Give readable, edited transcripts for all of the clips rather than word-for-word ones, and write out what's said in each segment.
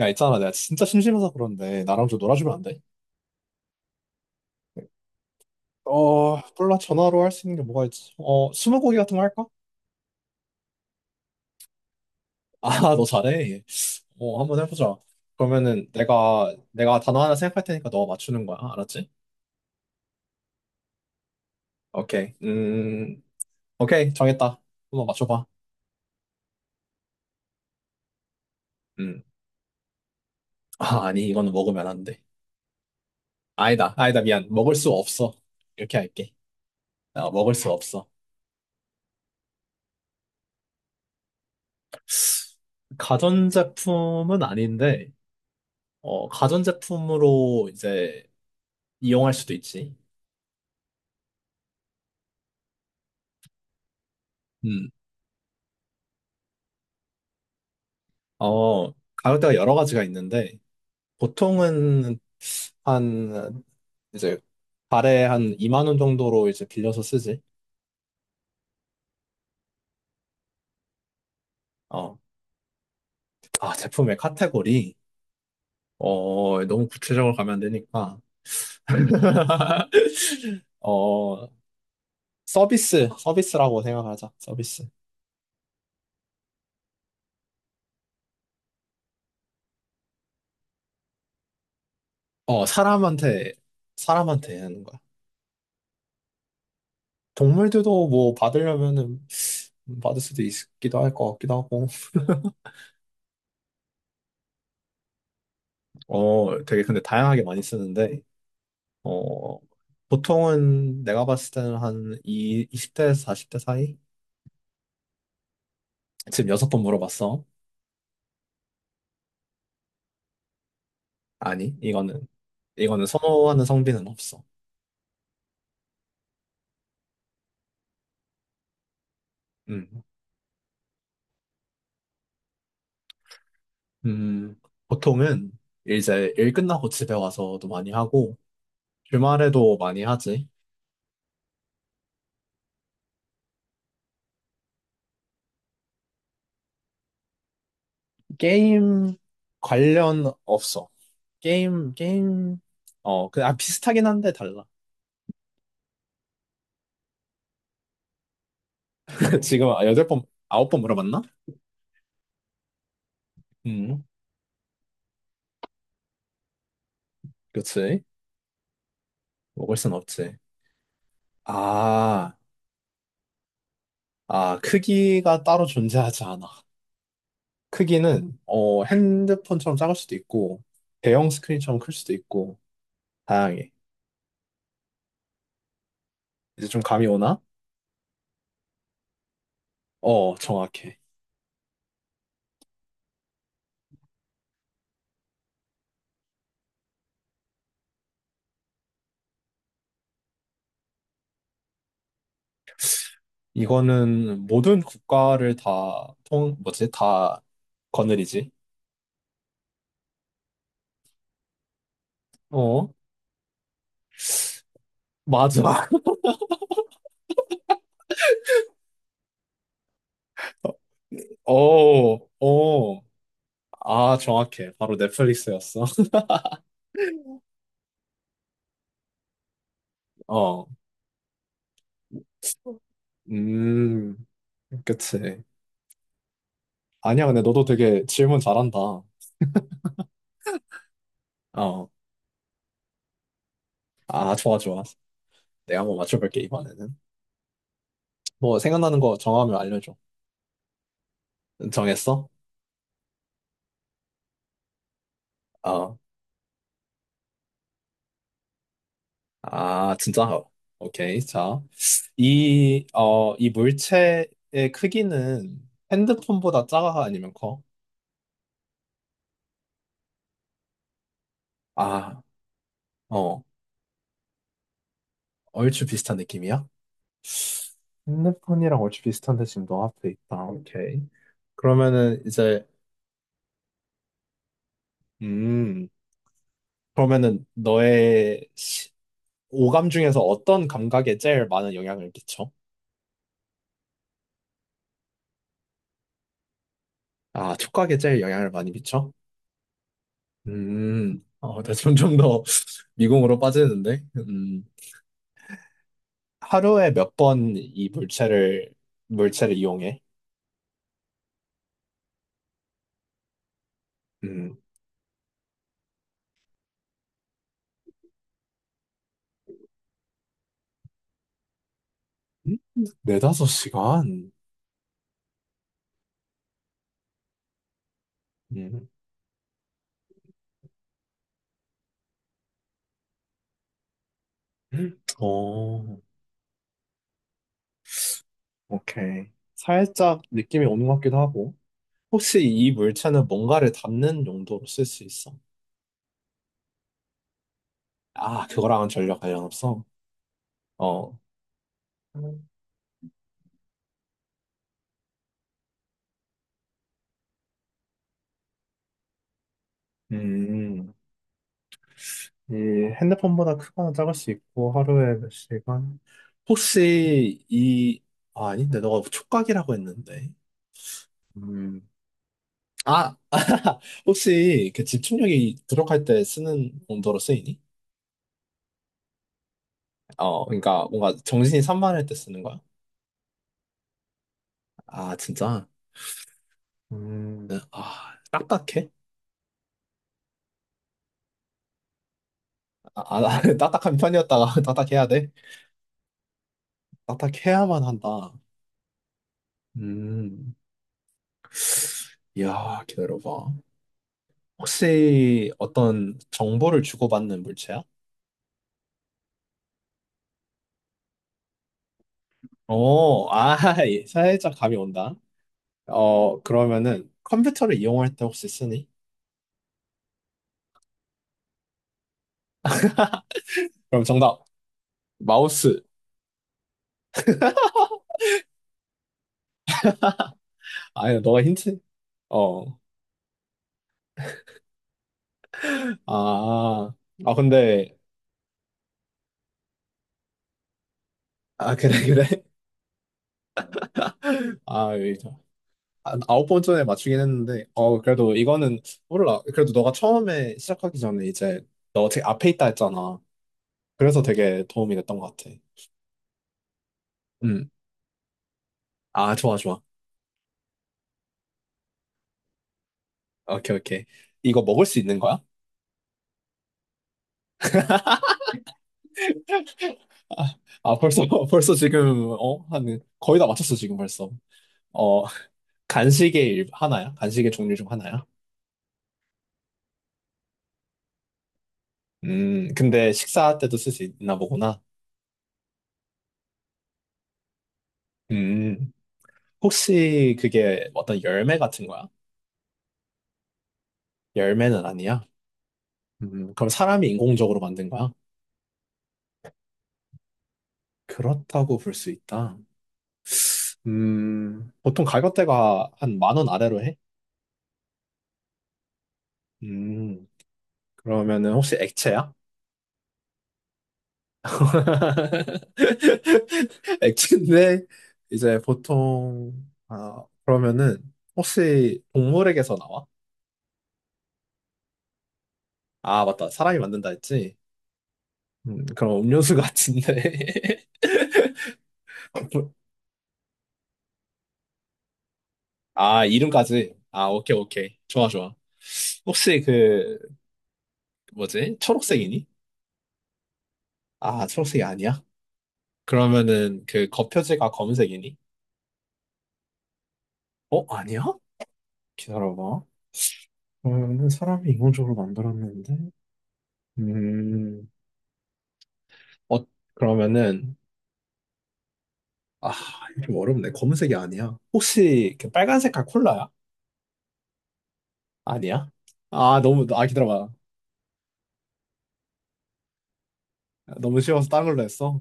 야, 있잖아. 내가 진짜 심심해서 그런데 나랑 좀 놀아주면 안 돼? 어, 몰라. 전화로 할 수 있는 게 뭐가 있지? 어, 스무고개 같은 거 할까? 아, 너 잘해. 어, 한번 해보자. 그러면은 내가 단어 하나 생각할 테니까 너 맞추는 거야. 알았지? 오케이. 오케이. 정했다. 한번 맞춰봐. 음. 아, 아니, 이거는 먹으면 안 돼. 아니다, 아니다, 미안. 먹을 수 없어. 이렇게 할게. 아, 먹을 수 없어. 가전제품은 아닌데, 어, 가전제품으로 이제 이용할 수도 있지. 음, 어, 가격대가 여러 가지가 있는데, 보통은 한, 이제, 달에 한 2만 원 정도로 이제 빌려서 쓰지. 어, 아, 제품의 카테고리. 어, 너무 구체적으로 가면 안 되니까. 어, 서비스, 서비스라고 생각하자, 서비스. 어, 사람한테, 사람한테 하는 거야. 동물들도 뭐 받으려면은 받을 수도 있기도 할 것 같기도 하고. 어, 되게 근데 다양하게 많이 쓰는데, 어, 보통은 내가 봤을 때는 한 이, 20대에서 40대 사이? 지금 6번 물어봤어. 아니, 이거는, 이거는 선호하는 성비는 없어. 음, 음, 보통은 이제 일 끝나고 집에 와서도 많이 하고, 주말에도 많이 하지. 게임 관련 없어. 게임, 게임, 어, 그, 아, 비슷하긴 한데 달라. 지금 8번, 9번 물어봤나? 음, 그치. 먹을 순 없지. 아. 아, 크기가 따로 존재하지 않아. 크기는 어, 핸드폰처럼 작을 수도 있고 대형 스크린처럼 클 수도 있고 다양해. 이제 좀 감이 오나? 어, 정확해. 이거는 모든 국가를 다 통, 뭐지? 다 거느리지. 어, 맞아. 어, 어. 아, 정확해. 바로 넷플릭스였어. 어. 음, 그치. 아니야, 근데 너도 되게 질문 잘한다. 어. 아, 좋아, 좋아. 내가 한번 맞춰볼게, 이번에는. 뭐, 생각나는 거 정하면 알려줘. 정했어? 아, 아, 진짜? 어. 오케이. 자, 이, 어, 이 물체의 크기는 핸드폰보다 작아 아니면 커? 아, 어, 얼추 비슷한 느낌이야? 핸드폰이랑 얼추 비슷한데 지금 너 앞에 있다. 오케이. 그러면은 이제, 음, 그러면은 너의 시- 오감 중에서 어떤 감각에 제일 많은 영향을 끼쳐? 아, 촉각에 제일 영향을 많이 미쳐? 어, 나 점점 더 미궁으로 빠지는데? 하루에 몇 번 이 물체를, 물체를 이용해? 음, 음, 4, 5시간? 음, 어, 오케이. 살짝 느낌이 오는 것 같기도 하고. 혹시 이 물체는 뭔가를 담는 용도로 쓸 수 있어? 아, 그거랑은 전혀 관련 없어? 어, 음, 이 핸드폰보다 크거나 작을 수 있고 하루에 몇 시간? 혹시 이 아, 아닌데 너가 촉각이라고 했는데 음. 아 혹시 그 집중력이 부족할 때 쓰는 용도로 쓰이니? 어 그러니까 뭔가 정신이 산만할 때 쓰는 거야? 아 진짜? 음. 아 딱딱해? 아, 아 딱딱한 편이었다가 딱딱해야 돼? 딱딱해야만 한다. 음. 이야 기다려봐. 혹시 어떤 정보를 주고받는 물체야? 오, 아, 예, 살짝 감이 온다. 어, 그러면은 컴퓨터를 이용할 때 혹시 쓰니? 그럼 정답, 마우스. 아니, 너가 힌트? 어, 아, 아, 근데, 아, 그래, 그래. 아, 여기 저- 아, 9번 전에 맞추긴 했는데, 어, 그래도 이거는, 몰라. 그래도 너가 처음에 시작하기 전에 이제 너 되게 앞에 있다 했잖아. 그래서 되게 도움이 됐던 것 같아. 음, 아, 좋아, 좋아. 오케이, 오케이. 이거 먹을 수 있는 거야? 아, 아, 벌써, 벌써 지금, 어? 한, 거의 다 맞췄어, 지금 벌써. 어, 간식의 일, 하나야? 간식의 종류 중 하나야? 근데 식사할 때도 쓸 수 있나 보구나. 음, 혹시 그게 어떤 열매 같은 거야? 열매는 아니야? 그럼 사람이 인공적으로 만든 거야? 그렇다고 볼 수 있다. 보통 가격대가 한 만 원 아래로 해? 음, 그러면은 혹시 액체야? 액체인데 이제 보통 아 그러면은 혹시 동물에게서 나와? 아 맞다 사람이 만든다 했지. 그럼 음료수 같은데. 아 이름까지. 아 오케이 오케이 좋아 좋아. 혹시 그 뭐지 초록색이니? 아 초록색이 아니야? 그러면은 그 겉표지가 검은색이니? 어 아니야? 기다려봐. 그러면은 사람이 인공적으로 만들었는데. 음 어, 그러면은 아, 이거 좀 어렵네. 검은색이 아니야. 혹시 그 빨간색깔 콜라야? 아니야? 아, 너무, 아, 기다려봐. 너무 쉬워서 다른 걸로 했어.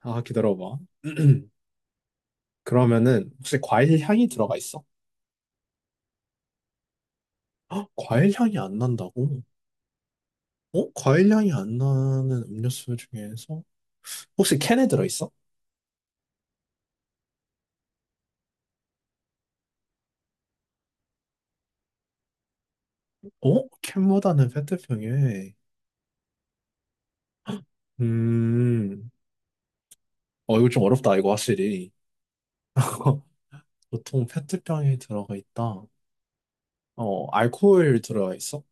아, 기다려봐. 그러면은 혹시 과일 향이 들어가 있어? 헉, 과일 향이 안 난다고? 어? 과일 향이 안 나는 음료수 중에서 혹시 캔에 들어있어? 어? 캔보다는 페트병에. 음, 어, 이거 좀 어렵다, 이거 확실히. 그거 보통 페트병에 들어가 있다. 어, 알코올 들어가 있어?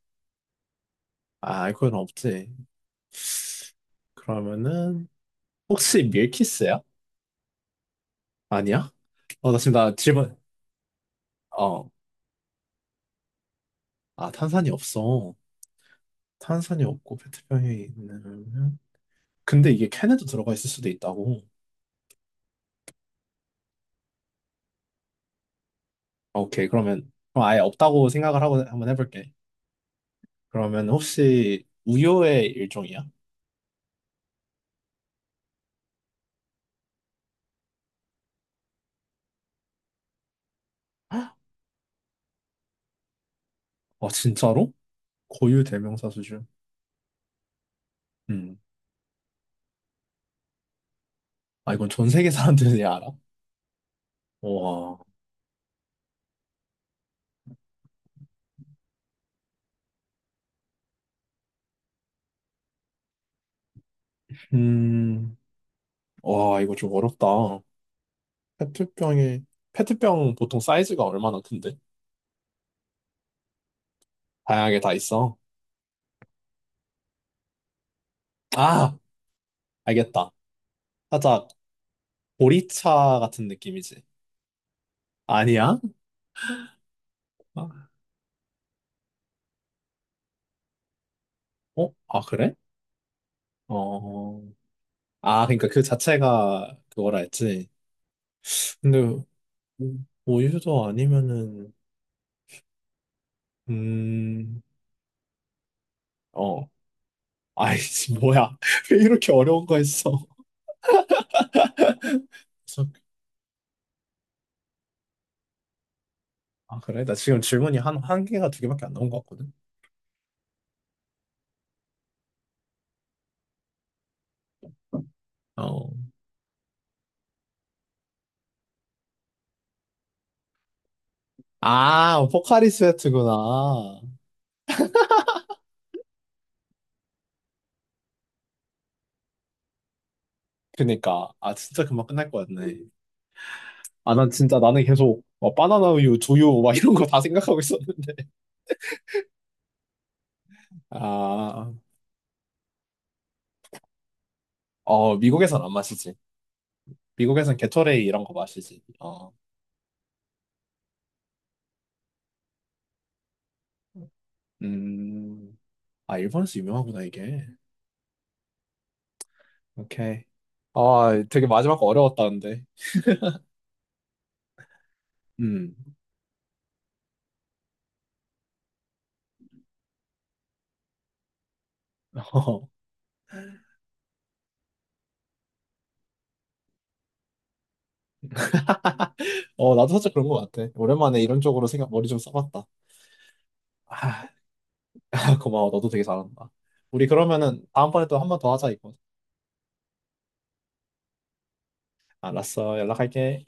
아, 알코올은 없지. 그러면은 혹시 밀키스야? 아니야? 어, 나 지금 나 질문 어, 아 탄산이 없어. 탄산이 없고 페트병에 있는 근데 이게 캔에도 들어가 있을 수도 있다고. 오케이 그러면 그럼 아예 없다고 생각을 하고 한번 해볼게. 그러면 혹시 우유의 일종이야? 아 진짜로? 고유 대명사 수준. 음. 아 이건 전 세계 사람들이 알아? 와. 음. 와 이거 좀 어렵다. 페트병에 페트병 보통 사이즈가 얼마나 큰데? 다양하게 다 있어. 아, 알겠다. 살짝 보리차 같은 느낌이지. 아니야? 아, 어? 아, 그래? 어. 아, 그러니까 그 자체가 그거라 했지. 근데 우- 우유도 아니면은 음. 어. 아이씨, 뭐야. 왜 이렇게 어려운 거 했어? 그래서, 아, 그래? 나 지금 질문이 한, 한 개가 두 개밖에 안 나온 것 같거든. 어. 아, 포카리 스웨트구나. 그니까. 아, 진짜 금방 끝날 것 같네. 아, 난 진짜 나는 계속 뭐 바나나 우유, 두유 막 이런 거 다 생각하고 있었는데 아, 어, 미국에선 안 마시지. 미국에선 게토레이 이런 거 마시지. 어, 음, 아, 일본에서 유명하구나, 이게. 오케이. 아, 되게 마지막 거 어려웠다는데. 음, 어, 나도 살짝 그런 것 같아. 오랜만에 이런 쪽으로 생각, 머리 좀 써봤다. 아, 고마워. 너도 되게 잘한다. 우리 그러면은 다음번에 또 한 번 더 하자, 이거. 알았어. 연락할게.